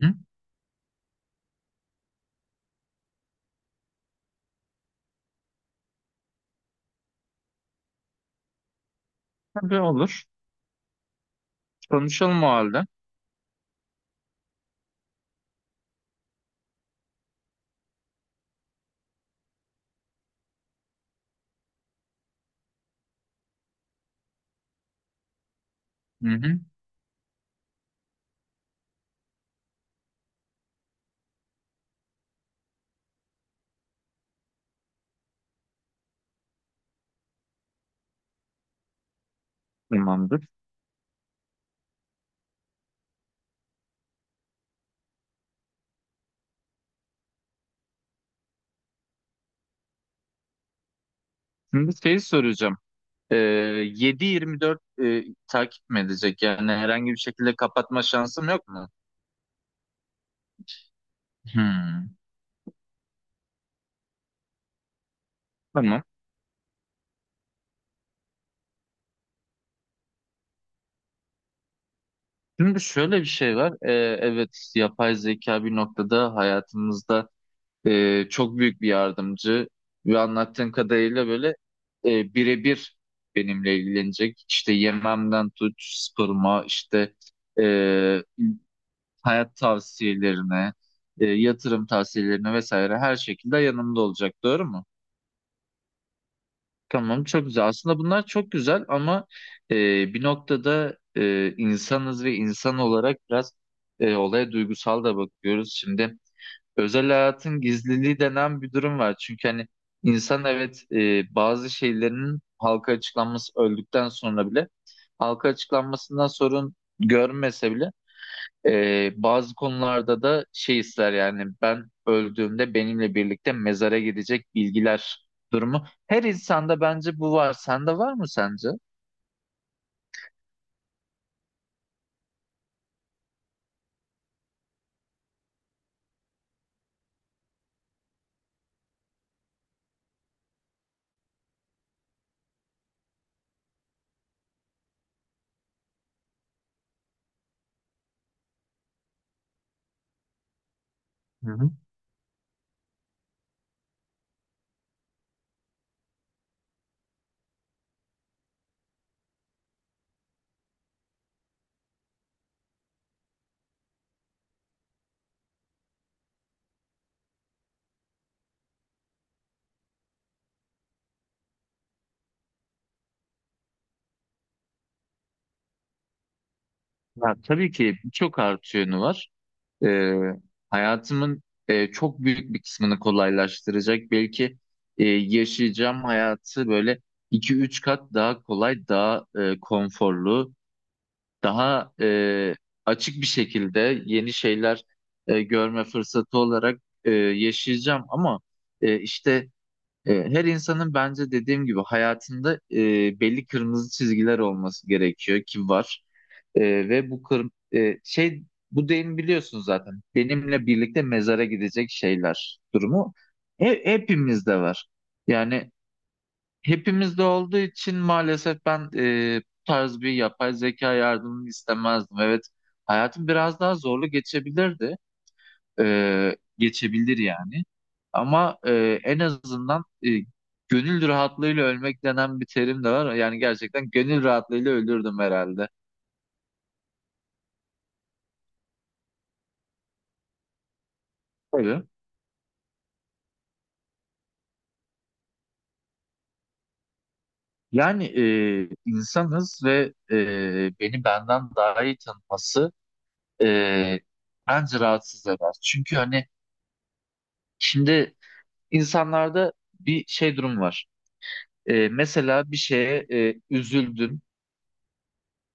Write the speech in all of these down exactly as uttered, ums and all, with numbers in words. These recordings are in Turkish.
Hı? Tabii olur. Konuşalım o halde. Hı hı. Tamamdır. Şimdi şeyi soracağım. Ee, yedi yirmi dört e, takip mi edecek? Yani herhangi bir şekilde kapatma şansım yok mu? Hı. Tamam. Şimdi şöyle bir şey var. Ee, evet, yapay zeka bir noktada hayatımızda e, çok büyük bir yardımcı ve anlattığın kadarıyla böyle e, birebir benimle ilgilenecek. İşte yememden tut, sporuma, işte e, hayat tavsiyelerine, e, yatırım tavsiyelerine vesaire, her şekilde yanımda olacak. Doğru mu? Tamam, çok güzel. Aslında bunlar çok güzel, ama e, bir noktada e, insanız ve insan olarak biraz e, olaya duygusal da bakıyoruz. Şimdi özel hayatın gizliliği denen bir durum var. Çünkü hani insan, evet, e, bazı şeylerin halka açıklanması, öldükten sonra bile halka açıklanmasından sorun görmese bile, ee, bazı konularda da şey ister, yani ben öldüğümde benimle birlikte mezara gidecek bilgiler durumu. Her insanda bence bu var. Sende var mı sence? Hı hı. Ya, tabii ki birçok artı yönü var. Ee, hayatımın e, çok büyük bir kısmını kolaylaştıracak. Belki e, yaşayacağım hayatı böyle iki üç kat daha kolay, daha e, konforlu, daha e, açık bir şekilde yeni şeyler e, görme fırsatı olarak e, yaşayacağım, ama e, işte e, her insanın bence dediğim gibi hayatında e, belli kırmızı çizgiler olması gerekiyor, ki var. E, ve bu kır, e, şey, bu deyim biliyorsun zaten, benimle birlikte mezara gidecek şeyler durumu he- hepimizde var yani. Hepimizde olduğu için maalesef ben e, bu tarz bir yapay zeka yardımını istemezdim. Evet, hayatım biraz daha zorlu geçebilirdi. E, geçebilir yani. Ama e, en azından e, gönül rahatlığıyla ölmek denen bir terim de var. Yani gerçekten gönül rahatlığıyla ölürdüm herhalde. Tabii. Yani e, insanız ve e, beni benden daha iyi tanıması e, bence rahatsız eder. Çünkü hani şimdi İnsanlarda bir şey durum var. Ee, mesela bir şeye e, üzüldün,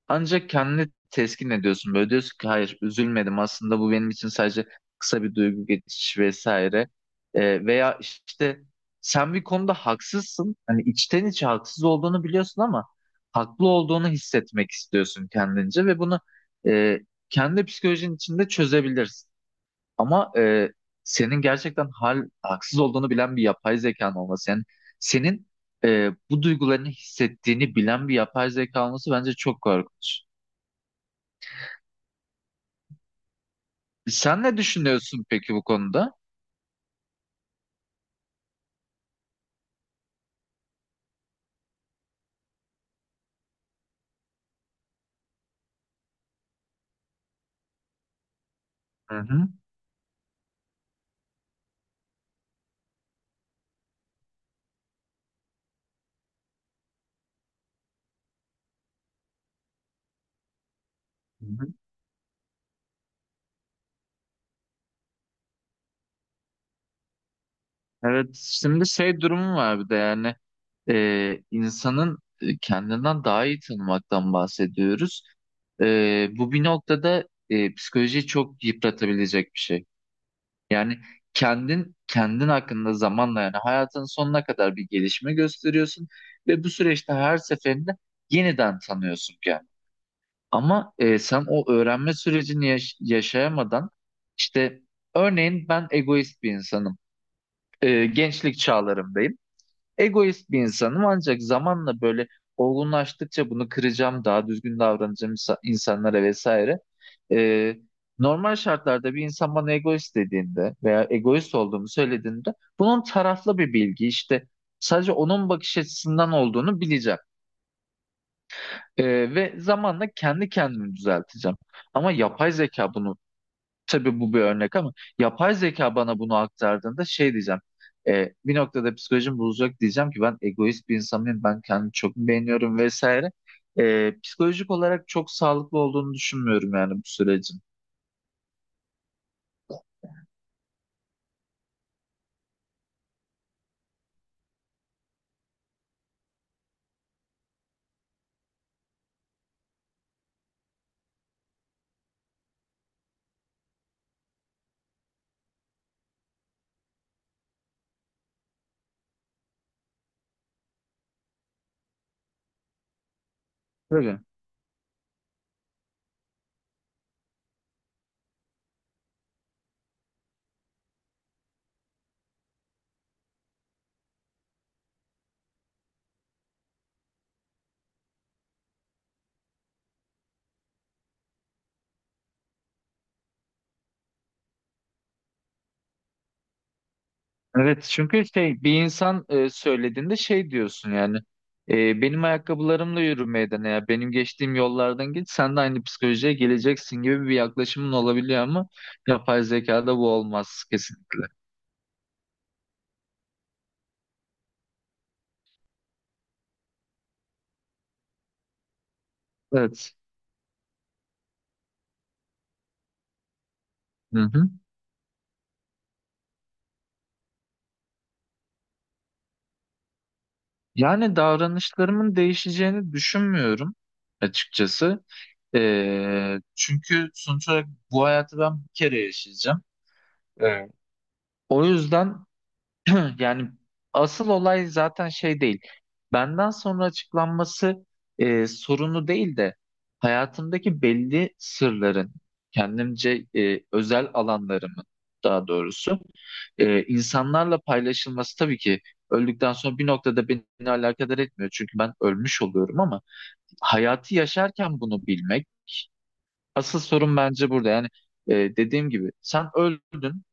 ancak kendini teskin ediyorsun. Böyle diyorsun ki, hayır, üzülmedim aslında, bu benim için sadece kısa bir duygu geçişi vesaire. Ee, veya işte sen bir konuda haksızsın. Hani içten içe haksız olduğunu biliyorsun, ama haklı olduğunu hissetmek istiyorsun kendince ve bunu e, kendi psikolojinin içinde çözebilirsin. Ama e, senin gerçekten hal haksız olduğunu bilen bir yapay zekan olması, yani senin e, bu duygularını hissettiğini bilen bir yapay zeka olması bence çok korkunç. Sen ne düşünüyorsun peki bu konuda? Hı hı. Hı hı. Evet, şimdi şey durumu var bir de, yani e, insanın e, kendinden daha iyi tanımaktan bahsediyoruz. E, bu bir noktada e, psikolojiyi çok yıpratabilecek bir şey. Yani kendin kendin hakkında zamanla, yani hayatın sonuna kadar bir gelişme gösteriyorsun ve bu süreçte her seferinde yeniden tanıyorsun kendini. Ama e, sen o öğrenme sürecini yaş- yaşayamadan, işte, örneğin ben egoist bir insanım. E, gençlik çağlarımdayım, egoist bir insanım, ancak zamanla böyle olgunlaştıkça bunu kıracağım, daha düzgün davranacağım insa- insanlara vesaire. Ee, Normal şartlarda bir insan bana egoist dediğinde veya egoist olduğumu söylediğinde, bunun taraflı bir bilgi, işte, sadece onun bakış açısından olduğunu bileceğim. Ee, ve zamanla kendi kendimi düzelteceğim. Ama yapay zeka bunu, tabii bu bir örnek ama, yapay zeka bana bunu aktardığında şey diyeceğim. E, bir noktada psikolojim bozacak, diyeceğim ki ben egoist bir insan mıyım, ben kendimi çok beğeniyorum vesaire. E, psikolojik olarak çok sağlıklı olduğunu düşünmüyorum yani bu sürecin. Tabii. Evet, çünkü şey, bir insan e, söylediğinde şey diyorsun yani, e, benim ayakkabılarımla yürümeydin ya, benim geçtiğim yollardan git, sen de aynı psikolojiye geleceksin gibi bir yaklaşımın olabiliyor, ama yapay zekada bu olmaz kesinlikle. Evet. Hı hı. Yani davranışlarımın değişeceğini düşünmüyorum açıkçası. Ee, çünkü sonuç olarak bu hayatı ben bir kere yaşayacağım. Evet. O yüzden, Hı, Yani asıl olay zaten şey değil. Benden sonra açıklanması e, sorunu değil de, hayatımdaki belli sırların, kendimce e, özel alanlarımın, daha doğrusu e, insanlarla paylaşılması, tabii ki öldükten sonra bir noktada beni alakadar etmiyor. Çünkü ben ölmüş oluyorum, ama hayatı yaşarken bunu bilmek asıl sorun bence burada. Yani e, dediğim gibi, sen öldün.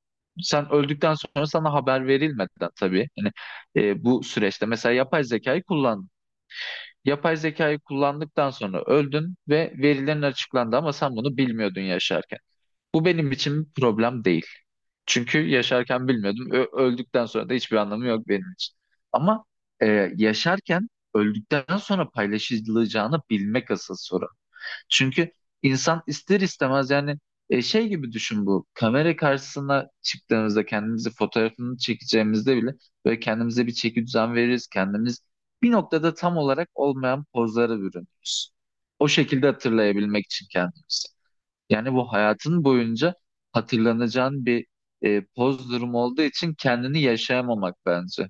Sen öldükten sonra sana haber verilmeden tabii. Yani e, bu süreçte mesela yapay zekayı kullandın. Yapay zekayı kullandıktan sonra öldün ve verilerin açıklandı, ama sen bunu bilmiyordun yaşarken. Bu benim için bir problem değil. Çünkü yaşarken bilmiyordum. Ö- öldükten sonra da hiçbir anlamı yok benim için. Ama e, yaşarken, öldükten sonra paylaşılacağını bilmek asıl sorun. Çünkü insan ister istemez, yani e, şey gibi düşün bu. Kamera karşısına çıktığımızda, kendimizi fotoğrafını çekeceğimizde bile böyle kendimize bir çeki düzen veririz. Kendimiz bir noktada tam olarak olmayan pozlara bürünürüz. O şekilde hatırlayabilmek için kendimizi. Yani bu, hayatın boyunca hatırlanacağın bir e, poz durumu olduğu için kendini yaşayamamak bence.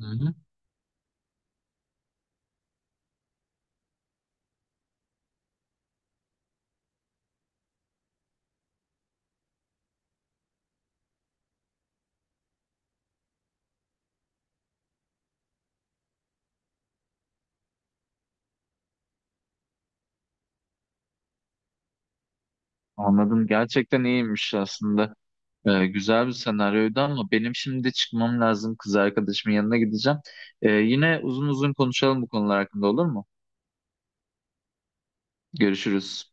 Hı hı. Anladım. Gerçekten iyiymiş aslında. Ee, güzel bir senaryoydu, ama benim şimdi çıkmam lazım. Kız arkadaşımın yanına gideceğim. Ee, yine uzun uzun konuşalım bu konular hakkında, olur mu? Görüşürüz.